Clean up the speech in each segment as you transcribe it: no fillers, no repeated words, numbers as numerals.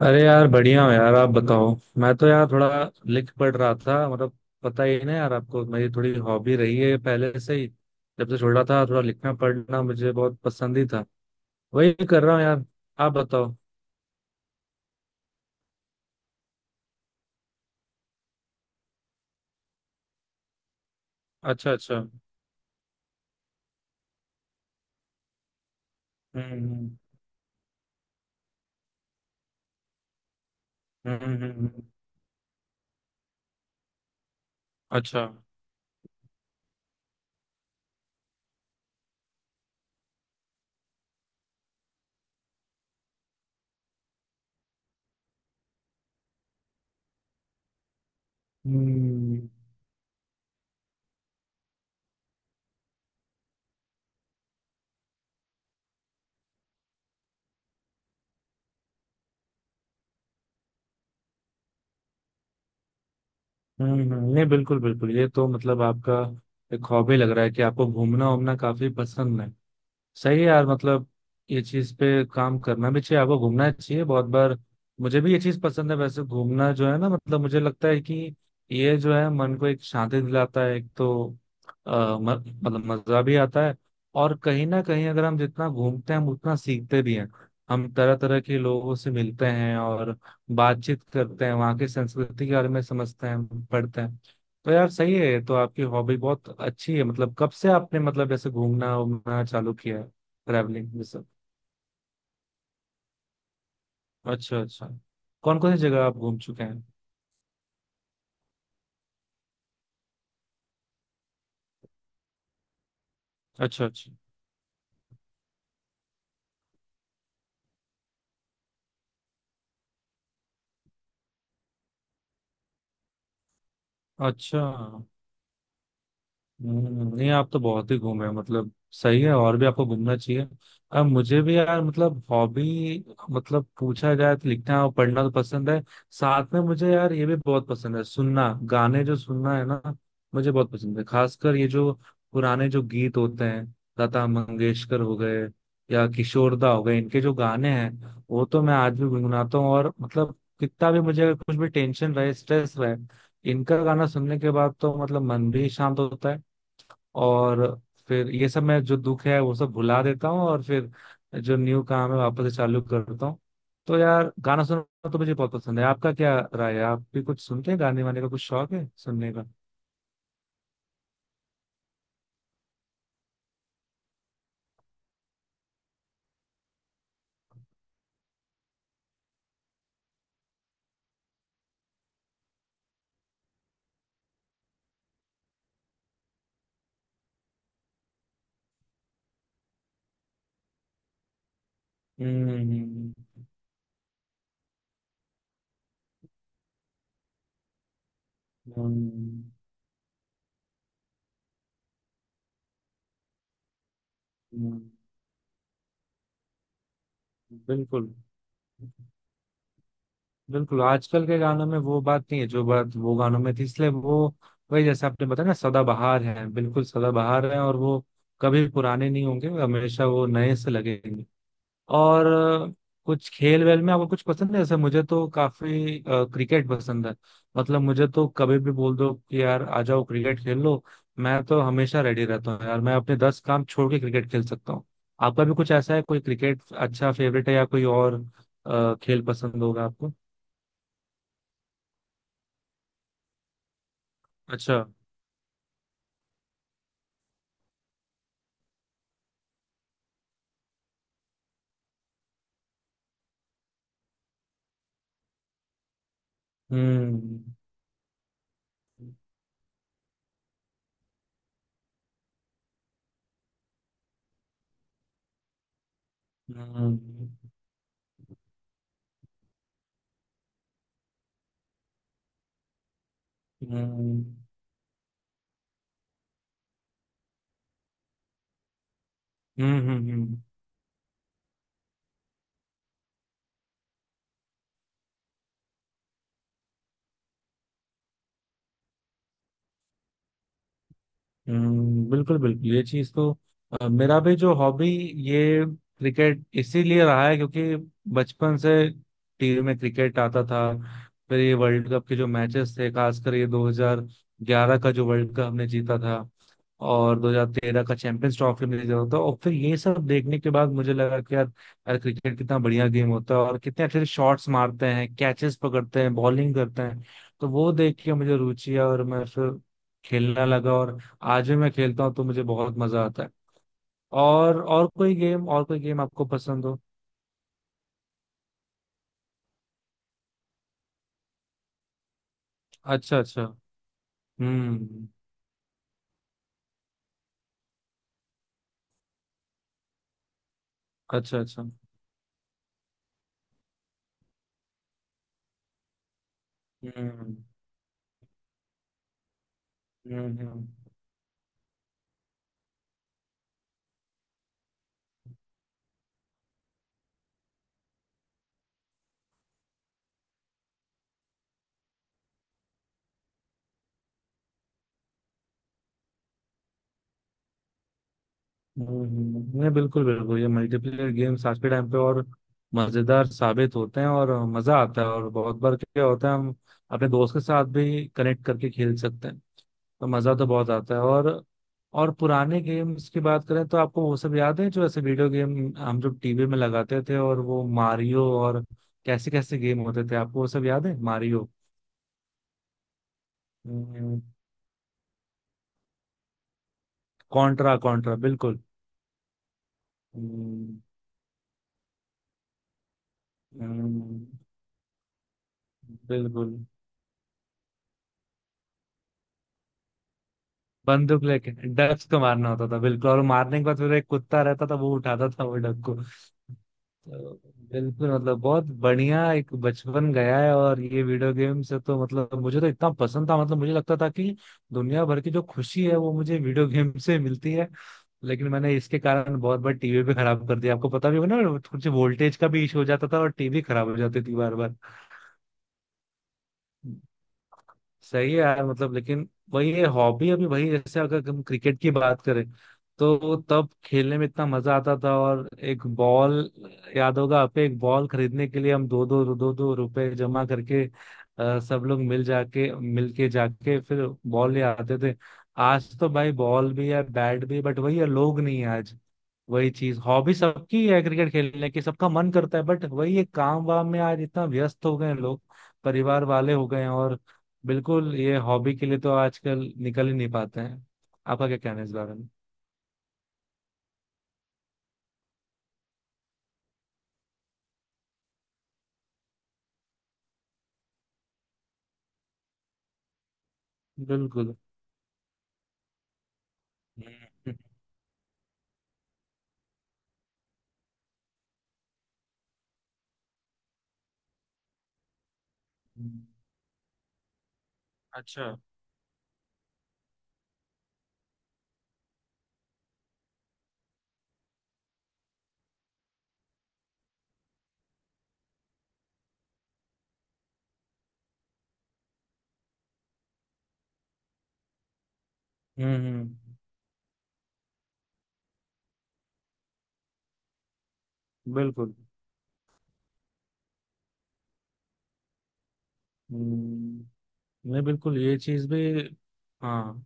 अरे यार बढ़िया हो यार, आप बताओ। मैं तो यार थोड़ा लिख पढ़ रहा था। मतलब पता ही है ना यार आपको, मेरी थोड़ी हॉबी रही है पहले से ही। जब से छोटा था थोड़ा लिखना पढ़ना मुझे बहुत पसंद ही था, वही कर रहा हूँ यार। आप बताओ। अच्छा अच्छा। हम्म। हम्म हम्म, हम्म, अच्छा। हम्म नहीं बिल्कुल बिल्कुल, ये तो मतलब आपका एक हॉबी लग रहा है कि आपको घूमना वूमना काफी पसंद है। सही है यार, मतलब ये चीज पे काम करना भी चाहिए, आपको घूमना चाहिए बहुत बार। मुझे भी ये चीज पसंद है वैसे, घूमना जो है ना, मतलब मुझे लगता है कि ये जो है मन को एक शांति दिलाता है एक तो, आ, म, मतलब मजा भी आता है। और कहीं ना कहीं अगर हम जितना घूमते हैं हम उतना सीखते भी हैं, हम तरह तरह के लोगों से मिलते हैं और बातचीत करते हैं, वहाँ की संस्कृति के बारे में समझते हैं पढ़ते हैं। तो यार सही है, ये तो आपकी हॉबी बहुत अच्छी है। मतलब कब से आपने मतलब ऐसे घूमना घूमना चालू किया है, ट्रैवलिंग भी सब? अच्छा अच्छा। कौन कौन सी जगह आप घूम चुके हैं? अच्छा अच्छा। अच्छा। नहीं आप तो बहुत ही घूमे हैं, मतलब सही है, और भी आपको घूमना चाहिए। अब मुझे भी यार मतलब हॉबी मतलब पूछा जाए तो लिखना और पढ़ना तो पसंद है। साथ में मुझे यार ये भी बहुत पसंद है सुनना, गाने जो सुनना है ना मुझे बहुत पसंद है, खासकर ये जो पुराने जो गीत होते हैं, लता मंगेशकर हो गए या किशोरदा हो गए, इनके जो गाने हैं वो तो मैं आज भी गुनगुनाता हूँ। और मतलब कितना भी मुझे अगर कुछ भी टेंशन रहे स्ट्रेस रहे, इनका गाना सुनने के बाद तो मतलब मन भी शांत होता है और फिर ये सब मैं जो दुख है वो सब भुला देता हूँ, और फिर जो न्यू काम है वापस से चालू करता हूँ। तो यार गाना सुनना तो मुझे बहुत पसंद है। आपका क्या राय है, आप भी कुछ सुनते हैं, गाने वाने का कुछ शौक है सुनने का? हम्म हम्म, हम्म, बिल्कुल बिल्कुल, आजकल के गानों में वो बात नहीं है जो बात वो गानों में थी, इसलिए वो, वही जैसे आपने बताया ना, सदाबहार है बिल्कुल, सदाबहार है और वो कभी पुराने नहीं होंगे, हमेशा वो नए से लगेंगे। और कुछ खेल वेल में आपको कुछ पसंद है? जैसे मुझे तो काफी क्रिकेट पसंद है। मतलब मुझे तो कभी भी बोल दो कि यार आ जाओ क्रिकेट खेल लो, मैं तो हमेशा रेडी रहता हूँ यार, मैं अपने दस काम छोड़ के क्रिकेट खेल सकता हूँ। आपका भी कुछ ऐसा है, कोई क्रिकेट अच्छा फेवरेट है, या कोई और खेल पसंद होगा आपको? अच्छा। हम्म हम्म हम्म हम्म हम्म हम्म, हम्म। बिल्कुल बिल्कुल, ये चीज तो मेरा भी जो हॉबी ये क्रिकेट इसीलिए रहा है, क्योंकि बचपन से टीवी में क्रिकेट आता था। फिर ये वर्ल्ड कप के जो मैचेस थे, खासकर ये 2011 का जो वर्ल्ड कप हमने जीता था और 2013 का चैंपियंस ट्रॉफी हमने जीता था, और फिर ये सब देखने के बाद मुझे लगा कि यार, क्रिकेट कितना बढ़िया गेम होता है, और कितने अच्छे शॉट्स मारते हैं, कैचेस पकड़ते हैं, बॉलिंग करते हैं। तो वो देख के मुझे रुचि आई और मैं फिर खेलना लगा, और आज भी मैं खेलता हूँ तो मुझे बहुत मजा आता है। और और कोई गेम आपको पसंद हो? अच्छा अच्छा। हम्म। अच्छा अच्छा। हम्म हम्म। नहीं बिल्कुल बिल्कुल, ये मल्टीप्लेयर गेम्स आज के टाइम पे और मजेदार साबित होते हैं, और मजा आता है, और बहुत बार क्या होता है, हम अपने दोस्त के साथ भी कनेक्ट करके खेल सकते हैं, तो मजा तो बहुत आता है। और पुराने गेम्स की बात करें तो आपको वो सब याद है, जो ऐसे वीडियो गेम हम जो टीवी में लगाते थे, और वो मारियो और कैसे कैसे गेम होते थे, आपको वो सब याद है? मारियो, कॉन्ट्रा कॉन्ट्रा, बिल्कुल। हम्म, हम्म, बिल्कुल। बंदूक लेके डक्स को मारना होता था, बिल्कुल, और मारने के बाद फिर एक कुत्ता रहता था, वो उठाता था वो डक को। तो बिल्कुल, मतलब बहुत बढ़िया एक बचपन गया है। और ये वीडियो गेम से तो मतलब मुझे तो इतना पसंद था, मतलब मुझे लगता था कि दुनिया भर की जो खुशी है वो मुझे वीडियो गेम से मिलती है। लेकिन मैंने इसके कारण बहुत बार टीवी भी खराब कर दिया, आपको पता भी होगा ना, कुछ वोल्टेज का भी इशू हो जाता था और टीवी खराब हो जाती थी बार बार। सही है यार, मतलब लेकिन वही है हॉबी अभी। वही जैसे अगर हम क्रिकेट की बात करें, तो तब खेलने में इतना मजा आता था, और एक बॉल, याद होगा आप, एक बॉल खरीदने के लिए हम दो दो रुपए जमा करके सब लोग मिल के जाके फिर बॉल ले आते थे। आज तो भाई बॉल भी है बैट भी है, बट वही है, लोग नहीं है आज। वही चीज हॉबी सबकी है, क्रिकेट खेलने की सबका मन करता है, बट वही है काम वाम में आज इतना व्यस्त हो गए हैं लोग, परिवार वाले हो गए हैं, और बिल्कुल ये हॉबी के लिए तो आजकल निकल ही नहीं पाते हैं। आपका क्या कहना है इस बारे में? बिल्कुल। हम्म, हम्म। अच्छा। हम्म। बिल्कुल। हम्म, नहीं बिल्कुल, ये चीज भी। हाँ।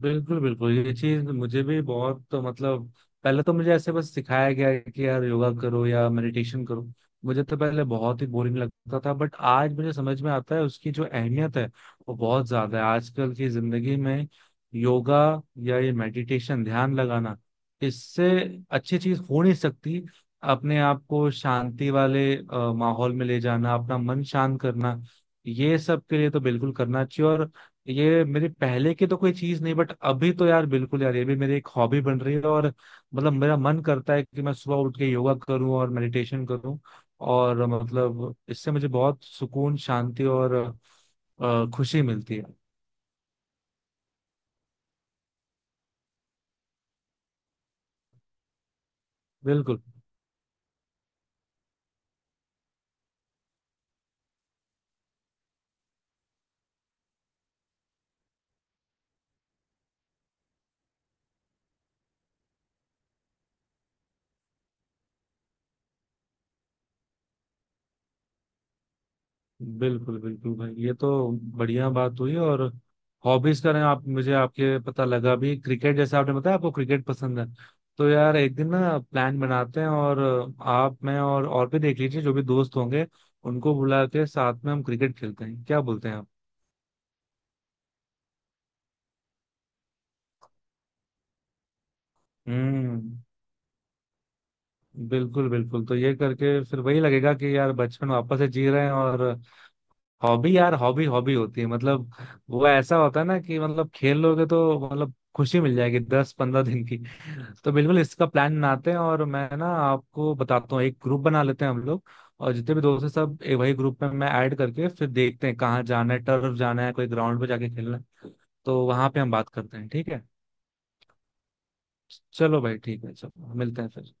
बिल्कुल बिल्कुल, ये चीज मुझे भी बहुत, तो मतलब पहले तो मुझे ऐसे बस सिखाया गया है कि यार योगा करो या मेडिटेशन करो, मुझे तो पहले बहुत ही बोरिंग लगता था, बट आज मुझे समझ में आता है उसकी जो अहमियत है वो बहुत ज्यादा है आजकल की जिंदगी में। योगा या ये मेडिटेशन ध्यान लगाना, इससे अच्छी चीज हो नहीं सकती, अपने आप को शांति वाले माहौल में ले जाना, अपना मन शांत करना, ये सब के लिए तो बिल्कुल करना चाहिए। और ये मेरी पहले की तो कोई चीज नहीं, बट अभी तो यार बिल्कुल यार ये भी मेरी एक हॉबी बन रही है, और मतलब मेरा मन करता है कि मैं सुबह उठ के योगा करूं और मेडिटेशन करूं, और मतलब इससे मुझे बहुत सुकून शांति और खुशी मिलती है। बिल्कुल बिल्कुल, बिल्कुल भाई ये तो बढ़िया बात हुई। और हॉबीज का ना, आप, मुझे आपके पता लगा भी क्रिकेट, जैसे आपने बताया आपको क्रिकेट पसंद है, तो यार एक दिन ना प्लान बनाते हैं, और आप मैं और भी देख लीजिए जो भी दोस्त होंगे, उनको बुला के साथ में हम क्रिकेट खेलते हैं, क्या बोलते हैं आप? हम्म। बिल्कुल बिल्कुल, तो ये करके फिर वही लगेगा कि यार बचपन वापस से जी रहे हैं। और हॉबी यार, हॉबी हॉबी होती है मतलब, वो ऐसा होता है ना कि मतलब खेल लोगे तो मतलब खुशी मिल जाएगी दस पंद्रह दिन की। तो बिल्कुल इसका प्लान बनाते हैं, और मैं ना आपको बताता हूँ, एक ग्रुप बना लेते हैं हम लोग, और जितने भी दोस्त हैं सब एक वही ग्रुप में मैं ऐड करके फिर देखते हैं कहाँ जाना है, टर्फ जाना है, कोई ग्राउंड पे जाके खेलना है, तो वहां पे हम बात करते हैं, ठीक है? चलो भाई ठीक है, चलो मिलते हैं फिर।